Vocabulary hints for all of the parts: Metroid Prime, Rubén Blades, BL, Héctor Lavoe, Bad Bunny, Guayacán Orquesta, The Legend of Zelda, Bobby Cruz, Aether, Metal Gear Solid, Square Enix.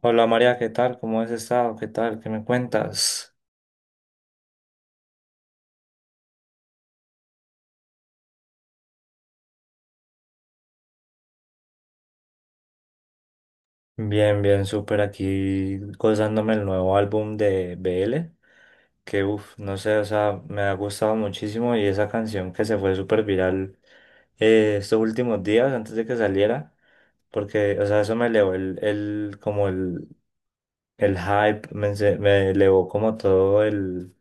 Hola María, ¿qué tal? ¿Cómo has estado? ¿Qué tal? ¿Qué me cuentas? Bien, bien, súper aquí gozándome el nuevo álbum de BL, que no sé, o sea, me ha gustado muchísimo y esa canción que se fue súper viral estos últimos días antes de que saliera, porque, o sea, eso me elevó el hype, me elevó como todo el,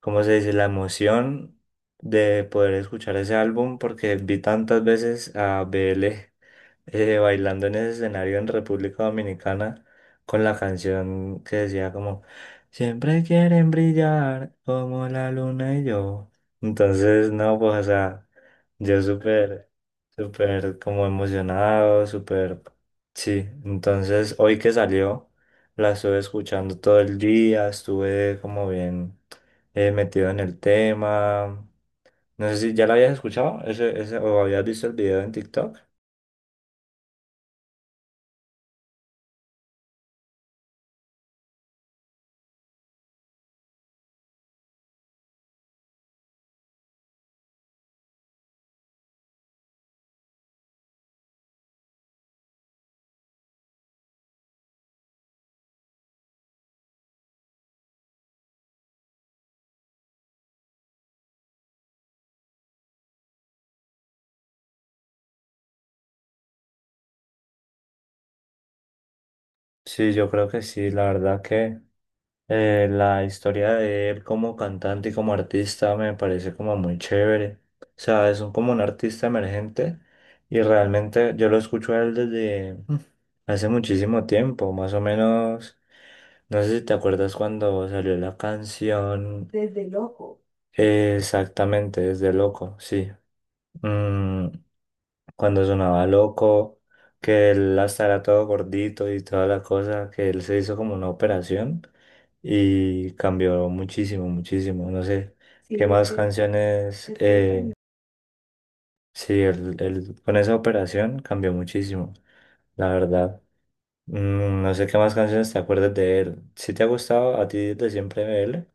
¿cómo se dice? La emoción de poder escuchar ese álbum porque vi tantas veces a BL bailando en ese escenario en República Dominicana con la canción que decía como, siempre quieren brillar como la luna y yo. Entonces, no, pues, o sea, yo súper, súper como emocionado, súper, sí. Entonces, hoy que salió, la estuve escuchando todo el día, estuve como bien metido en el tema. No sé si ya la habías escuchado ese, o habías visto el video en TikTok. Sí, yo creo que sí, la verdad que la historia de él como cantante y como artista me parece como muy chévere. O sea, como un artista emergente y realmente yo lo escucho a él desde hace muchísimo tiempo, más o menos, no sé si te acuerdas cuando salió la canción exactamente, desde Loco, sí. Mm, cuando sonaba loco, que él hasta era todo gordito y toda la cosa, que él se hizo como una operación y cambió muchísimo, muchísimo. No sé qué más canciones, sí, él con esa operación cambió muchísimo, la verdad. No sé qué más canciones te acuerdas de él. Si te ha gustado a ti desde siempre de él.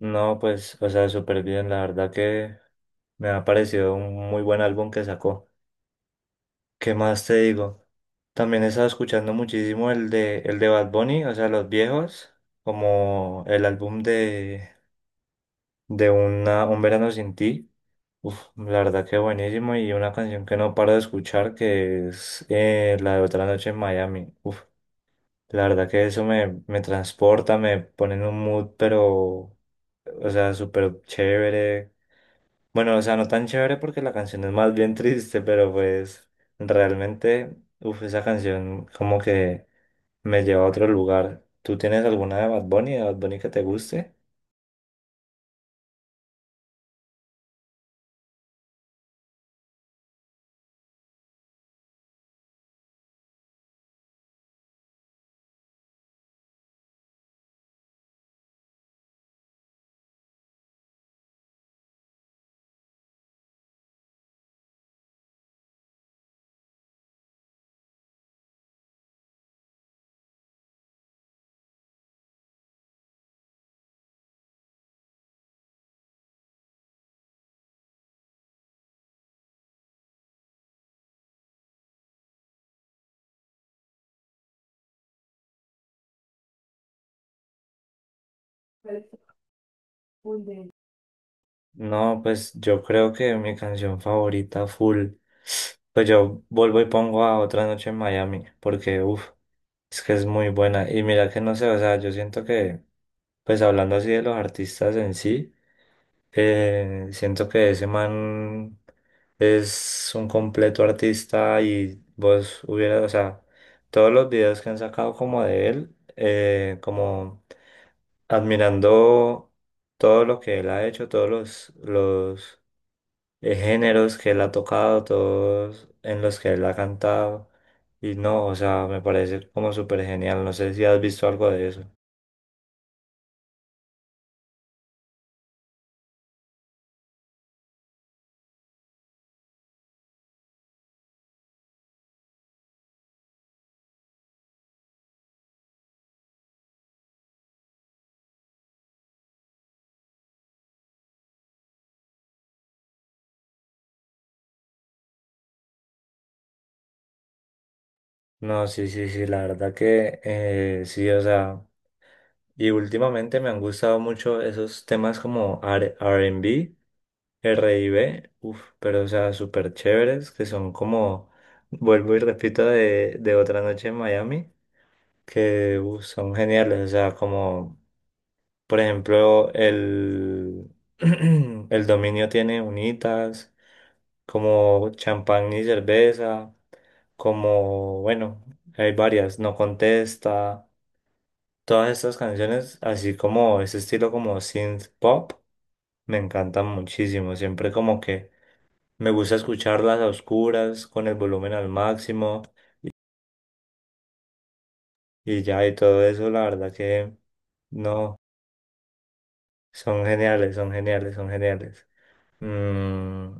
No, pues, o sea, súper bien, la verdad que me ha parecido un muy buen álbum que sacó. ¿Qué más te digo? También he estado escuchando muchísimo el de Bad Bunny, o sea, los viejos, como el álbum de Un Verano Sin Ti. Uf, la verdad que buenísimo y una canción que no paro de escuchar que es la de Otra Noche en Miami. Uf, la verdad que eso me transporta, me pone en un mood, pero, o sea, súper chévere. Bueno, o sea, no tan chévere porque la canción es más bien triste, pero pues realmente, uff, esa canción como que me lleva a otro lugar. ¿Tú tienes alguna de Bad Bunny que te guste? No, pues yo creo que mi canción favorita full, pues yo vuelvo y pongo a Otra Noche en Miami, porque uff, es que es muy buena. Y mira que no sé, o sea, yo siento que, pues hablando así de los artistas en sí. Siento que ese man es un completo artista y vos hubieras, o sea, todos los videos que han sacado como de él, como admirando todo lo que él ha hecho, todos los géneros que él ha tocado, todos en los que él ha cantado. Y no, o sea, me parece como súper genial. No sé si has visto algo de eso. No, sí, sí, sí, la verdad que sí, o sea. Y últimamente me han gustado mucho esos temas como R&B, R&B, uff, pero o sea, súper chéveres, que son como, vuelvo y repito, de Otra Noche en Miami, que uf, son geniales, o sea, como, por ejemplo, el, el dominio tiene unitas, como champán y cerveza, como, bueno, hay varias, no contesta. Todas estas canciones, así como ese estilo como synth pop, me encantan muchísimo. Siempre como que me gusta escucharlas a oscuras, con el volumen al máximo y ya y todo eso, la verdad que no, son geniales, son geniales, son geniales. Mm,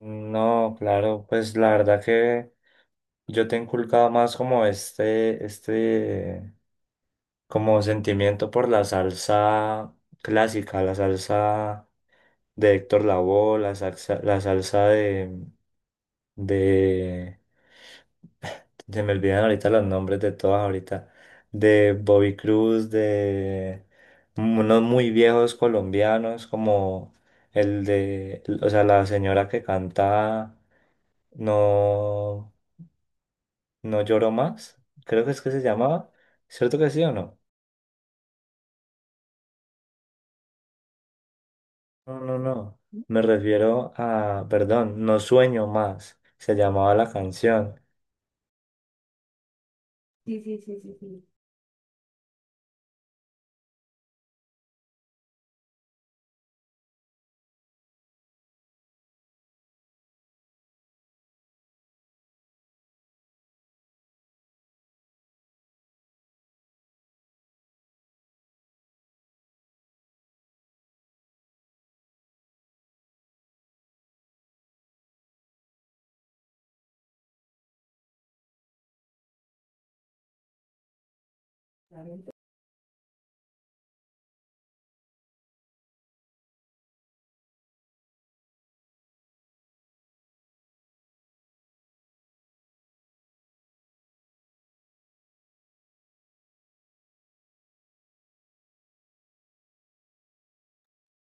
no, claro, pues la verdad que yo te he inculcado más como este, como sentimiento por la salsa clásica, la salsa de Héctor Lavoe, la salsa de, se me olvidan ahorita los nombres de todas ahorita, de Bobby Cruz, de unos muy viejos colombianos como el de, o sea, la señora que canta No, No lloro más, creo que es que se llamaba, ¿cierto que sí o no? No, no, no, me refiero a, perdón, No sueño más, se llamaba la canción.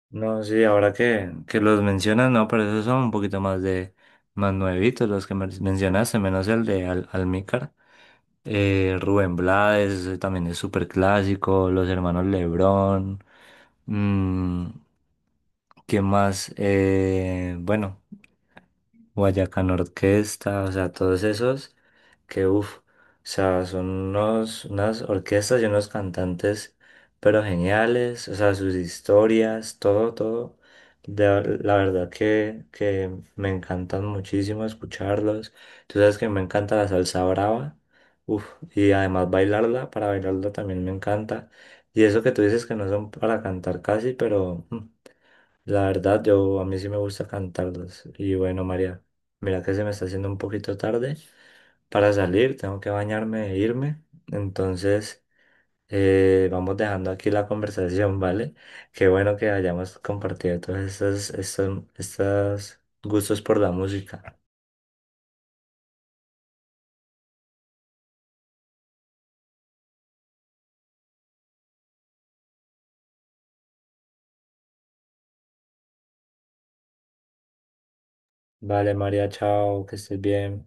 No, sí, ahora que los mencionas, no, pero esos son un poquito más de más nuevitos los que mencionaste, menos el de Al Almícar. Rubén Blades, ese también es súper clásico, los hermanos Lebrón, mm, ¿qué más? Bueno, Guayacán Orquesta, o sea, todos esos que uff, o sea, son unos, unas orquestas y unos cantantes, pero geniales, o sea, sus historias, todo, todo. La verdad que me encantan muchísimo escucharlos. Tú sabes que me encanta la salsa brava, uff, y además bailarla, para bailarla también me encanta. Y eso que tú dices que no son para cantar casi, pero... la verdad, yo a mí sí me gusta cantarlos. Y bueno, María, mira que se me está haciendo un poquito tarde para salir, tengo que bañarme e irme. Entonces, vamos dejando aquí la conversación, ¿vale? Qué bueno que hayamos compartido todos estos gustos por la música. Vale, María, chao, que estés bien.